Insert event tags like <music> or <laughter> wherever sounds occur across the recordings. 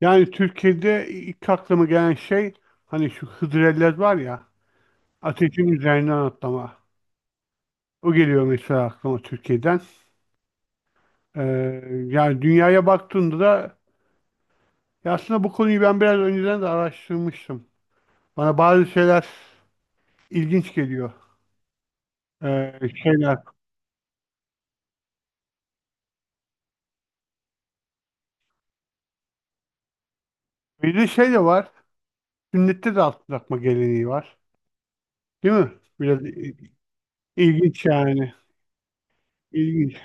Yani Türkiye'de ilk aklıma gelen şey hani şu hıdrellez var ya, ateşin üzerinden atlama. O geliyor mesela aklıma Türkiye'den. Ee, Yani dünyaya baktığında da, ya aslında bu konuyu ben biraz önceden de araştırmıştım. Bana bazı şeyler ilginç geliyor. Şeyler. Bir de şey de var. Sünnette de altın takma geleneği var. Değil mi? Biraz i- ilginç yani. İlginç.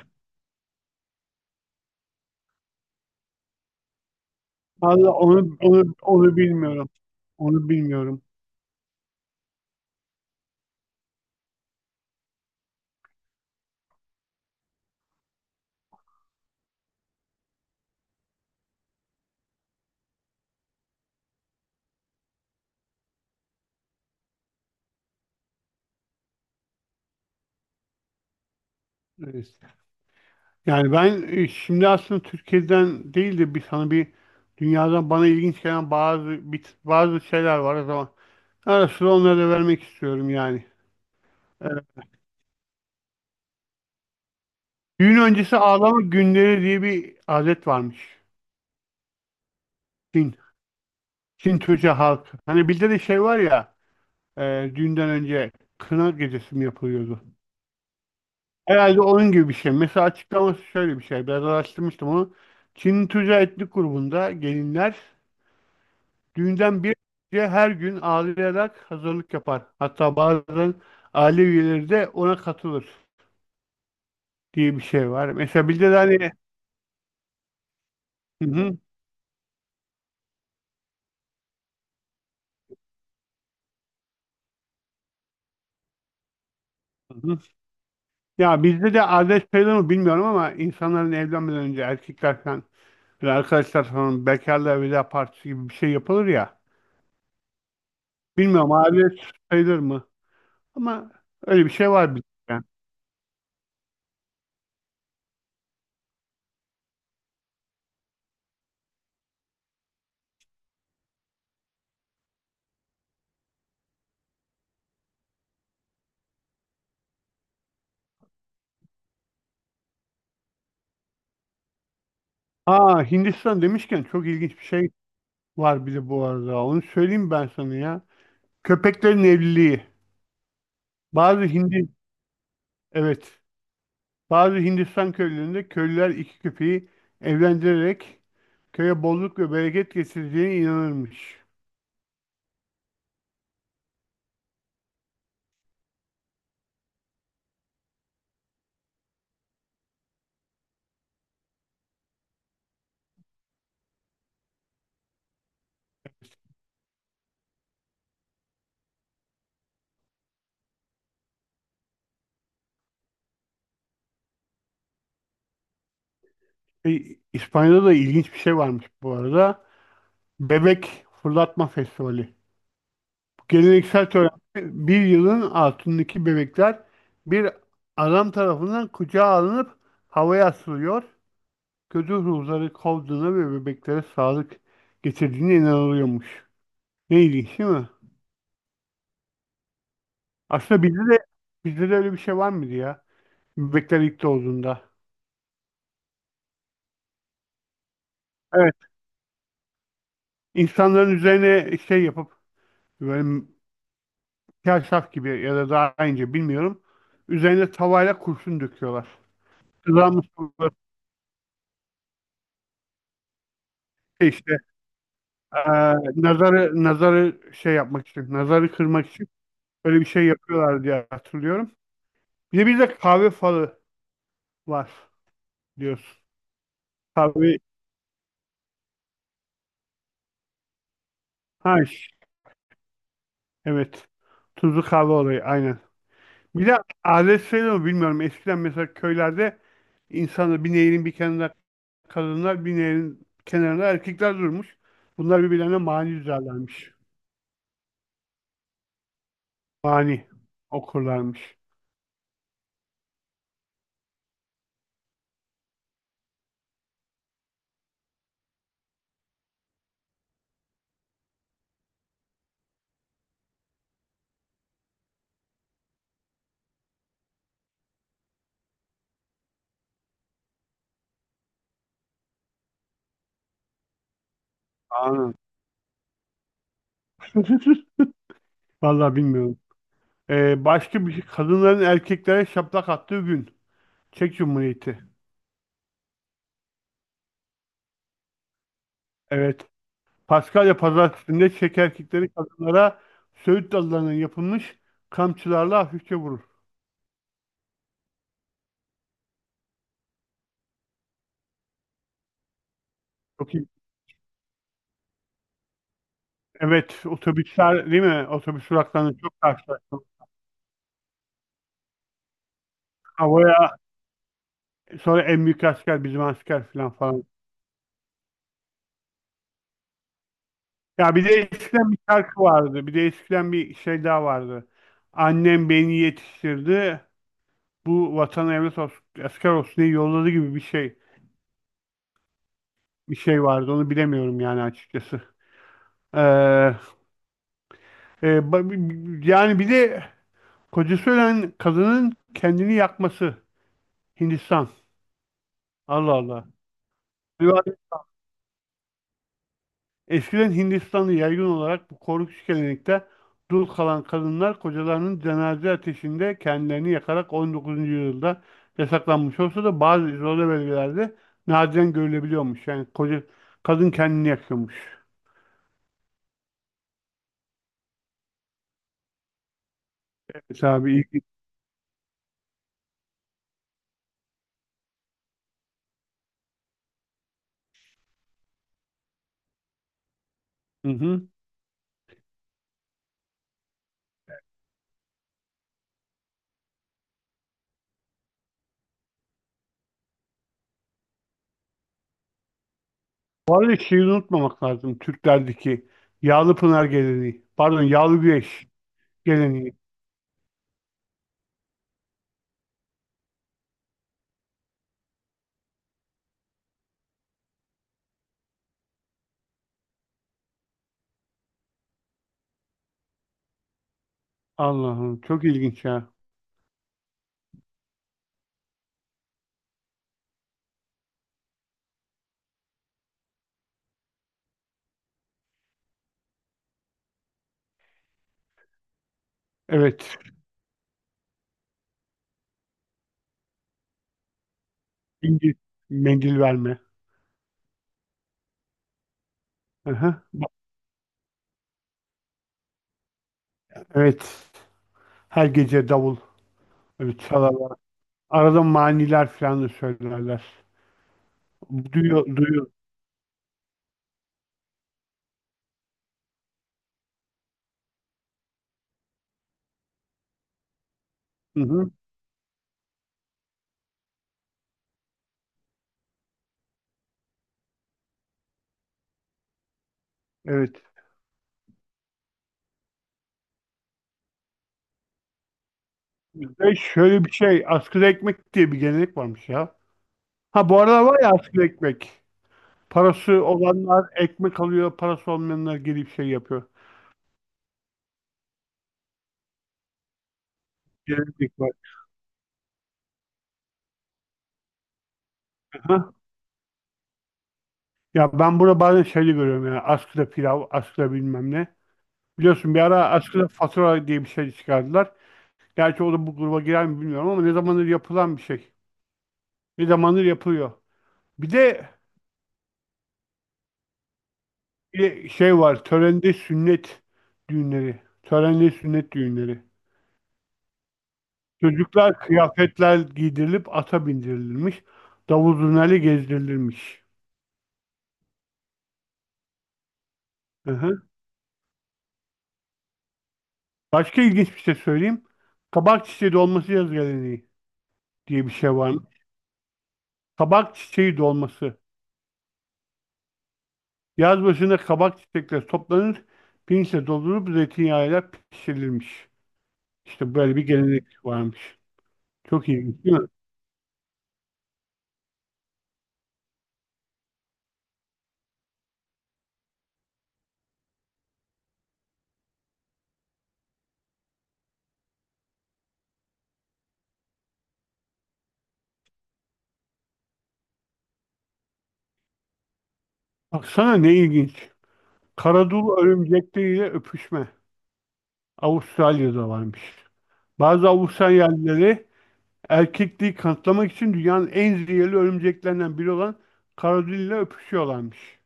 Vallahi onu bilmiyorum. Onu bilmiyorum. Evet. Yani ben şimdi aslında Türkiye'den değil de bir sana bir dünyadan bana ilginç gelen bazı şeyler var o zaman. Ara sıra onları da vermek istiyorum yani. Ee, Düğün öncesi ağlama günleri diye bir adet varmış. Çin, Çin Türkçe halkı. Hani bizde de şey var ya, düğünden önce kına gecesi mi yapılıyordu? Herhalde onun gibi bir şey. Mesela açıklaması şöyle bir şey. Biraz araştırmıştım onu. Çin Türkçe etnik grubunda gelinler düğünden bir önce her gün ağlayarak hazırlık yapar. Hatta bazen aile üyeleri de ona katılır diye bir şey var. Mesela bizde de hani hı hı, hı hı. Ya bizde de adet sayılır mı bilmiyorum ama insanların evlenmeden önce erkekler falan, böyle arkadaşlar falan bekarlığa veda partisi gibi bir şey yapılır ya. Bilmiyorum adet sayılır mı? Ama öyle bir şey var bizde. Yani. Aa, Hindistan demişken çok ilginç bir şey var bir de bu arada. Onu söyleyeyim ben sana ya. Köpeklerin evliliği. Bazı Hindi Evet. Bazı Hindistan köylerinde köylüler iki köpeği evlendirerek köye bolluk ve bereket getireceğine inanırmış. E, İspanya'da da ilginç bir şey varmış bu arada. Bebek fırlatma festivali. Bu geleneksel törende bir yılın altındaki bebekler bir adam tarafından kucağa alınıp havaya asılıyor. Kötü ruhları kovduğuna ve bebeklere sağlık getirdiğine inanılıyormuş. Ne ilginç değil mi? Aslında bizde de öyle bir şey var mıydı ya? Bebekler ilk doğduğunda. Evet. İnsanların üzerine şey yapıp böyle kaşaf gibi ya da daha ince bilmiyorum. Üzerine tavayla kurşun döküyorlar. Kızarmış böyle şey işte eee, nazarı şey yapmak için, nazarı kırmak için böyle bir şey yapıyorlar diye hatırlıyorum. Bir de kahve falı var diyorsun. Kahve ha ş- evet. Tuzlu kahve olayı aynen. Bir de adet sayılır mı bilmiyorum. Eskiden mesela köylerde insanlar bir nehrin bir kenarında, kadınlar bir nehrin kenarına, erkekler durmuş. Bunlar birbirlerine mani düzerlermiş. Mani okurlarmış. Anam. <laughs> Vallahi bilmiyorum. Başka bir şey. Kadınların erkeklere şaplak attığı gün. Çek Cumhuriyeti. Evet. Paskalya Pazartesi'nde Çek erkekleri kadınlara söğüt dallarından yapılmış kamçılarla hafifçe vurur. Çok iyi. Evet. Otobüsler değil mi? Otobüs duraklarında çok karşılaştım. Havaya, sonra en büyük asker bizim asker falan falan. Ya bir de eskiden bir şarkı vardı. Bir de eskiden bir şey daha vardı. Annem beni yetiştirdi. Bu vatan evlat olsun, asker olsun diye yolladı gibi bir şey. Bir şey vardı. Onu bilemiyorum yani açıkçası. Ee, e, ba- bi- Yani bir de kocası ölen kadının kendini yakması. Hindistan. Allah Allah. Eskiden Hindistan'da yaygın olarak bu korkunç gelenekte dul kalan kadınlar kocalarının cenaze ateşinde kendilerini yakarak 19. yüzyılda yasaklanmış olsa da bazı izole bölgelerde nadiren görülebiliyormuş. Yani kadın kendini yakıyormuş. Mesela bir ilginç. Hı hı. Bu arada şeyi unutmamak lazım. Türklerdeki yağlı pınar geleneği. Pardon, yağlı güreş geleneği. Allah'ım çok ilginç ya. Evet. İngiliz mendil verme. Aha. Evet. Her gece davul. Böyle çalarlar. Arada maniler falan da söylerler. Duyuyor, duyuyor. Hı hı. Evet. Bizde şöyle bir şey, askıda ekmek diye bir gelenek varmış ya. Ha bu arada var ya, askıda ekmek. Parası olanlar ekmek alıyor, parası olmayanlar gelip şey yapıyor. Gelenek var. Aha. Ya ben burada bazen şeyde görüyorum ya. Askıda pilav, askıda bilmem ne. Biliyorsun bir ara askıda fatura diye bir şey çıkardılar. Gerçi o da bu gruba girer mi bilmiyorum ama ne zamandır yapılan bir şey. Ne zamandır yapılıyor. Bir de Bir de şey var. Törende sünnet düğünleri. Törenli sünnet düğünleri. Çocuklar kıyafetler giydirilip ata bindirilmiş. Davul zurnayla gezdirilirmiş. Hı hı. Başka ilginç bir şey söyleyeyim. Kabak çiçeği dolması yaz geleneği diye bir şey var mı? Kabak çiçeği dolması. Yaz başında kabak çiçekleri toplanır, pirinçle doldurup zeytinyağıyla pişirilmiş. İşte böyle bir gelenek varmış. Çok ilginç değil mi? Baksana ne ilginç. Karadul örümcekleriyle öpüşme. Avustralya'da varmış. Bazı Avustralyalıları erkekliği kanıtlamak için dünyanın en zehirli örümceklerinden biri olan karadille öpüşüyorlarmış.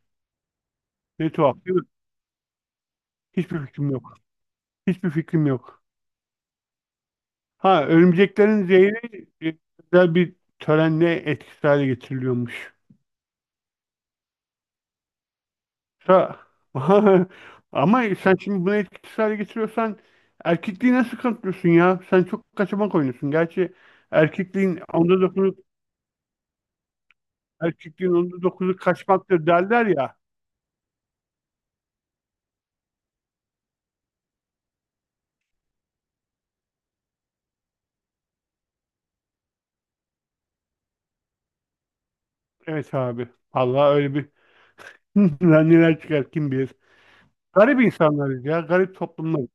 Ne tuhaf değil mi? Hiçbir fikrim yok. Hiçbir fikrim yok. Ha örümceklerin zehri özel bir törenle etkisiz hale getiriliyormuş. Ha, <laughs> ama sen şimdi bunu etkisiz hale getiriyorsan erkekliği nasıl kanıtlıyorsun ya? Sen çok kaçamak oynuyorsun. Gerçi erkekliğin onda erkekliğin onda dokuzu kaçmaktır derler ya. Evet abi. Allah öyle bir <laughs> lan neler çıkar kim bilir. Garip insanlarız ya. Garip toplumlar.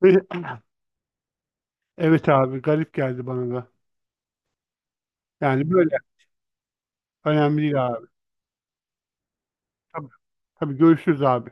<clears throat> <laughs> Evet abi. Garip geldi bana da. Yani böyle. Önemli değil abi. Tabii, tabii görüşürüz abi.